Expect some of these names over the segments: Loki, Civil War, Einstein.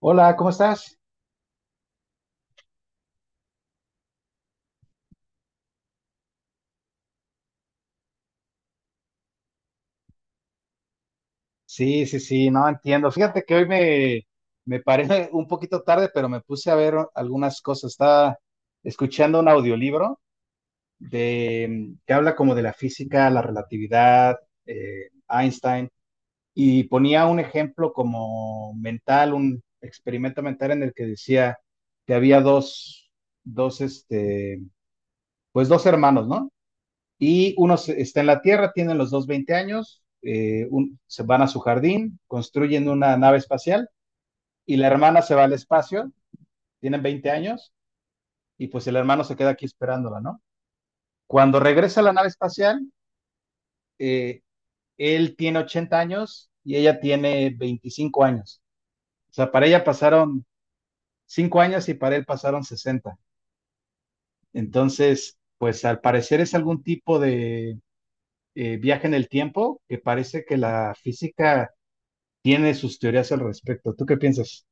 Hola, ¿cómo estás? Sí, sí, sí, no entiendo. Fíjate que hoy me paré un poquito tarde, pero me puse a ver algunas cosas. Estaba escuchando un audiolibro que habla como de la física, la relatividad, Einstein, y ponía un ejemplo como mental, un experimento mental en el que decía que había dos, este, pues dos hermanos, ¿no? Y uno está en la Tierra, tienen los dos 20 años, se van a su jardín, construyen una nave espacial y la hermana se va al espacio, tienen 20 años y pues el hermano se queda aquí esperándola, ¿no? Cuando regresa a la nave espacial, eh, él tiene 80 años y ella tiene 25 años. O sea, para ella pasaron 5 años y para él pasaron 60. Entonces, pues al parecer es algún tipo de viaje en el tiempo que parece que la física tiene sus teorías al respecto. ¿Tú qué piensas?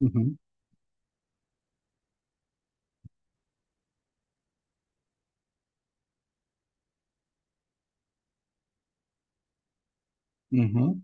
Ujú, ujú.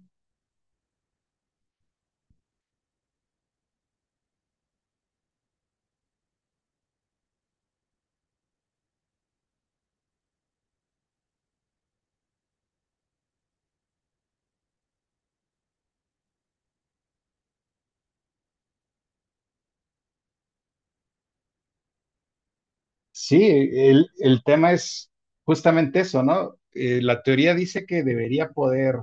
Sí, el tema es justamente eso, ¿no? La teoría dice que debería poder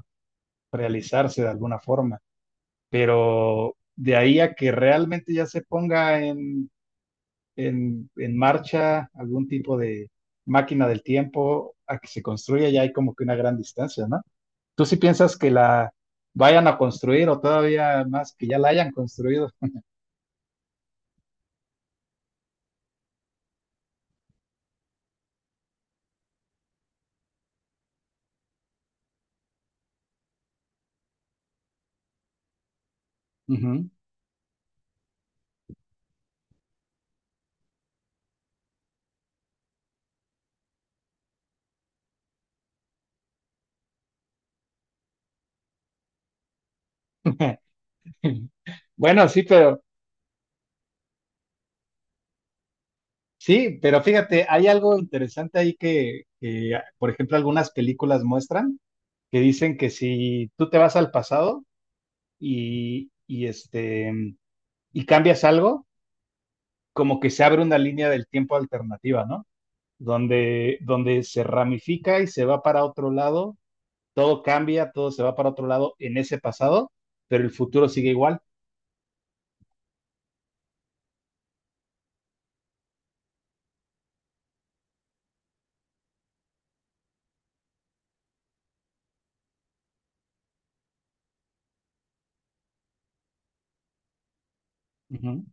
realizarse de alguna forma, pero de ahí a que realmente ya se ponga en marcha algún tipo de máquina del tiempo, a que se construya, ya hay como que una gran distancia, ¿no? ¿Tú sí piensas que la vayan a construir o todavía más que ya la hayan construido? Ujú. Bueno, sí, pero fíjate, hay algo interesante ahí que, por ejemplo, algunas películas muestran que dicen que si tú te vas al pasado y y cambias algo, como que se abre una línea del tiempo alternativa, ¿no? Donde se ramifica y se va para otro lado, todo cambia, todo se va para otro lado en ese pasado, pero el futuro sigue igual. Ujú,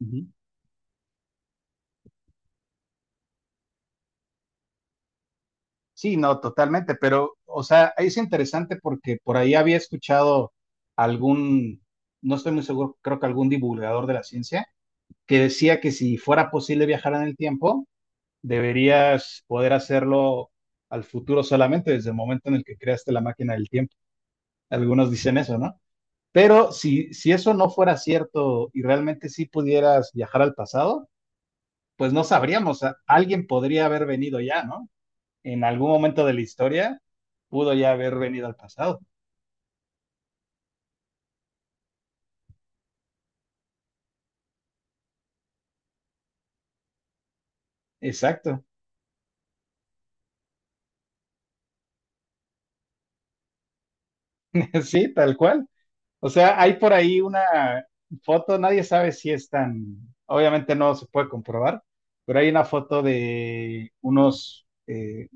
ujú. Sí, no, totalmente, pero, o sea, es interesante porque por ahí había escuchado algún, no estoy muy seguro, creo que algún divulgador de la ciencia, que decía que si fuera posible viajar en el tiempo, deberías poder hacerlo al futuro solamente desde el momento en el que creaste la máquina del tiempo. Algunos dicen eso, ¿no? Pero si eso no fuera cierto y realmente sí pudieras viajar al pasado, pues no sabríamos, alguien podría haber venido ya, ¿no? En algún momento de la historia pudo ya haber venido al pasado. Exacto, sí, tal cual. O sea, hay por ahí una foto, nadie sabe si es tan, obviamente no se puede comprobar, pero hay una foto de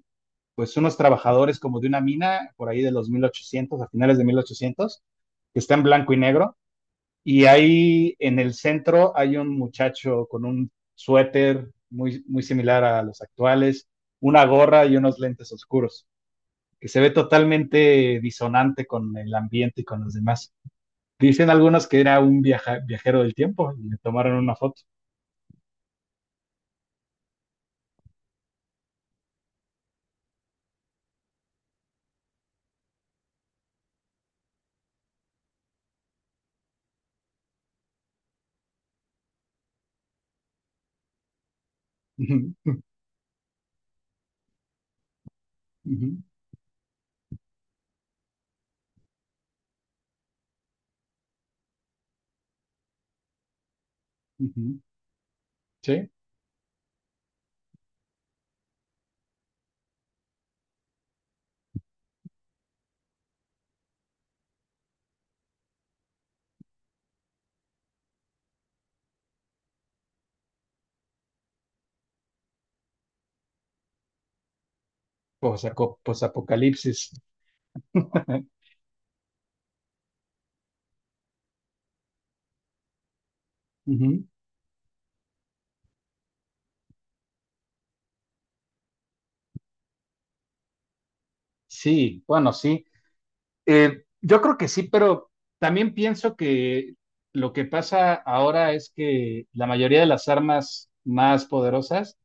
pues unos trabajadores como de una mina por ahí de los 1800, a finales de 1800, que está en blanco y negro. Y ahí en el centro hay un muchacho con un suéter muy, muy similar a los actuales, una gorra y unos lentes oscuros, que se ve totalmente disonante con el ambiente y con los demás. Dicen algunos que era un viajero del tiempo y le tomaron una foto. Ujú, ujú, ujú. Sí, posapocalipsis. Ujú. Sí, bueno, sí. Yo creo que sí, pero también pienso que lo que pasa ahora es que la mayoría de las armas más poderosas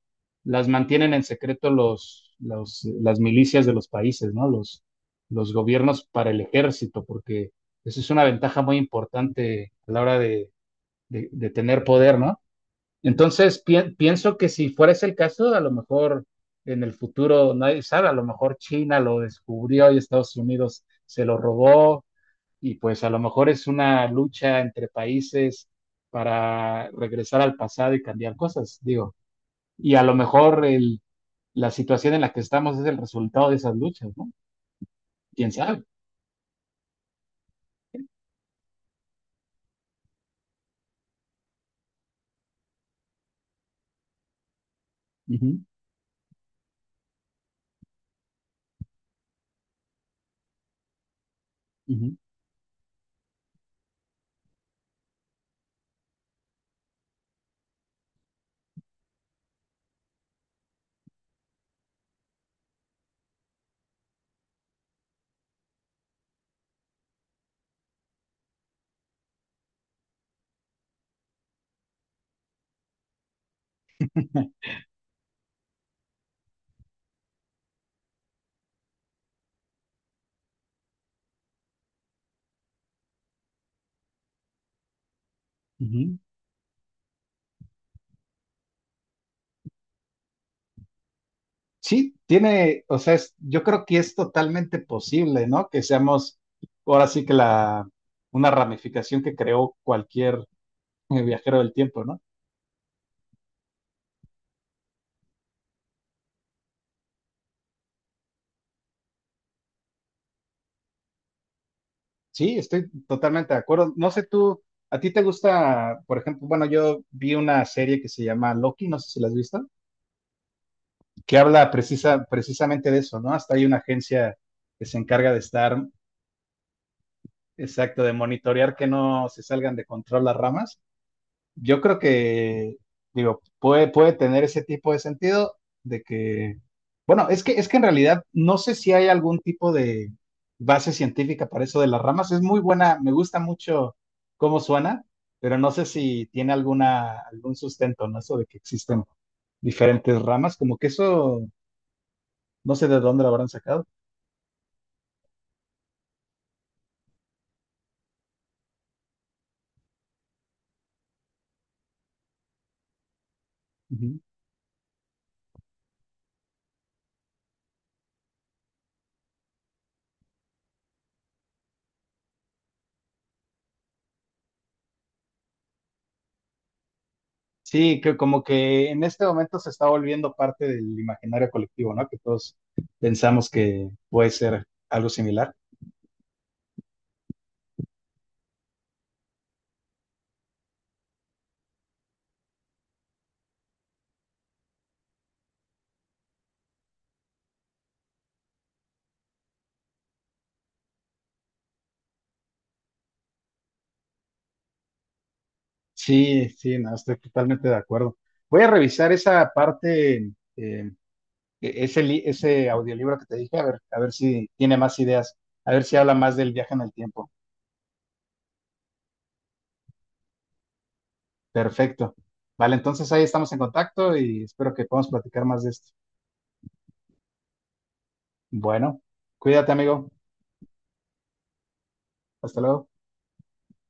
las mantienen en secreto las milicias de los países, ¿no? Los gobiernos para el ejército, porque esa es una ventaja muy importante a la hora de tener poder, ¿no? Entonces, pienso que si fuera ese el caso, a lo mejor en el futuro, nadie sabe, a lo mejor China lo descubrió y Estados Unidos se lo robó y pues a lo mejor es una lucha entre países para regresar al pasado y cambiar cosas, digo. Y a lo mejor la situación en la que estamos es el resultado de esas luchas, ¿no? ¿Quién sabe? Ujú, ujú, ujú. Sí, tiene, o sea, yo creo que es totalmente posible, ¿no? Que seamos ahora sí que una ramificación que creó cualquier viajero del tiempo, ¿no? Sí, estoy totalmente de acuerdo. No sé tú, ¿a ti te gusta, por ejemplo, bueno, yo vi una serie que se llama Loki, no sé si la has visto, que habla precisamente de eso, ¿no? Hasta hay una agencia que se encarga de estar, exacto, de monitorear que no se salgan de control las ramas. Yo creo que, digo, puede tener ese tipo de sentido de que, bueno, es que en realidad no sé si hay algún tipo de base científica para eso de las ramas. Es muy buena, me gusta mucho cómo suena, pero no sé si tiene algún sustento, ¿no? Eso de que existen diferentes ramas, como que eso, no sé de dónde lo habrán sacado. Sí, que como que en este momento se está volviendo parte del imaginario colectivo, ¿no? Que todos pensamos que puede ser algo similar. Sí, sí, no, estoy totalmente de acuerdo. Voy a revisar esa parte, eh, ese audiolibro que te dije, a ver si tiene más ideas, a ver si habla más del viaje en el tiempo. Perfecto. Vale, entonces ahí estamos en contacto y espero que podamos platicar más de esto. Bueno, cuídate, amigo. Hasta luego.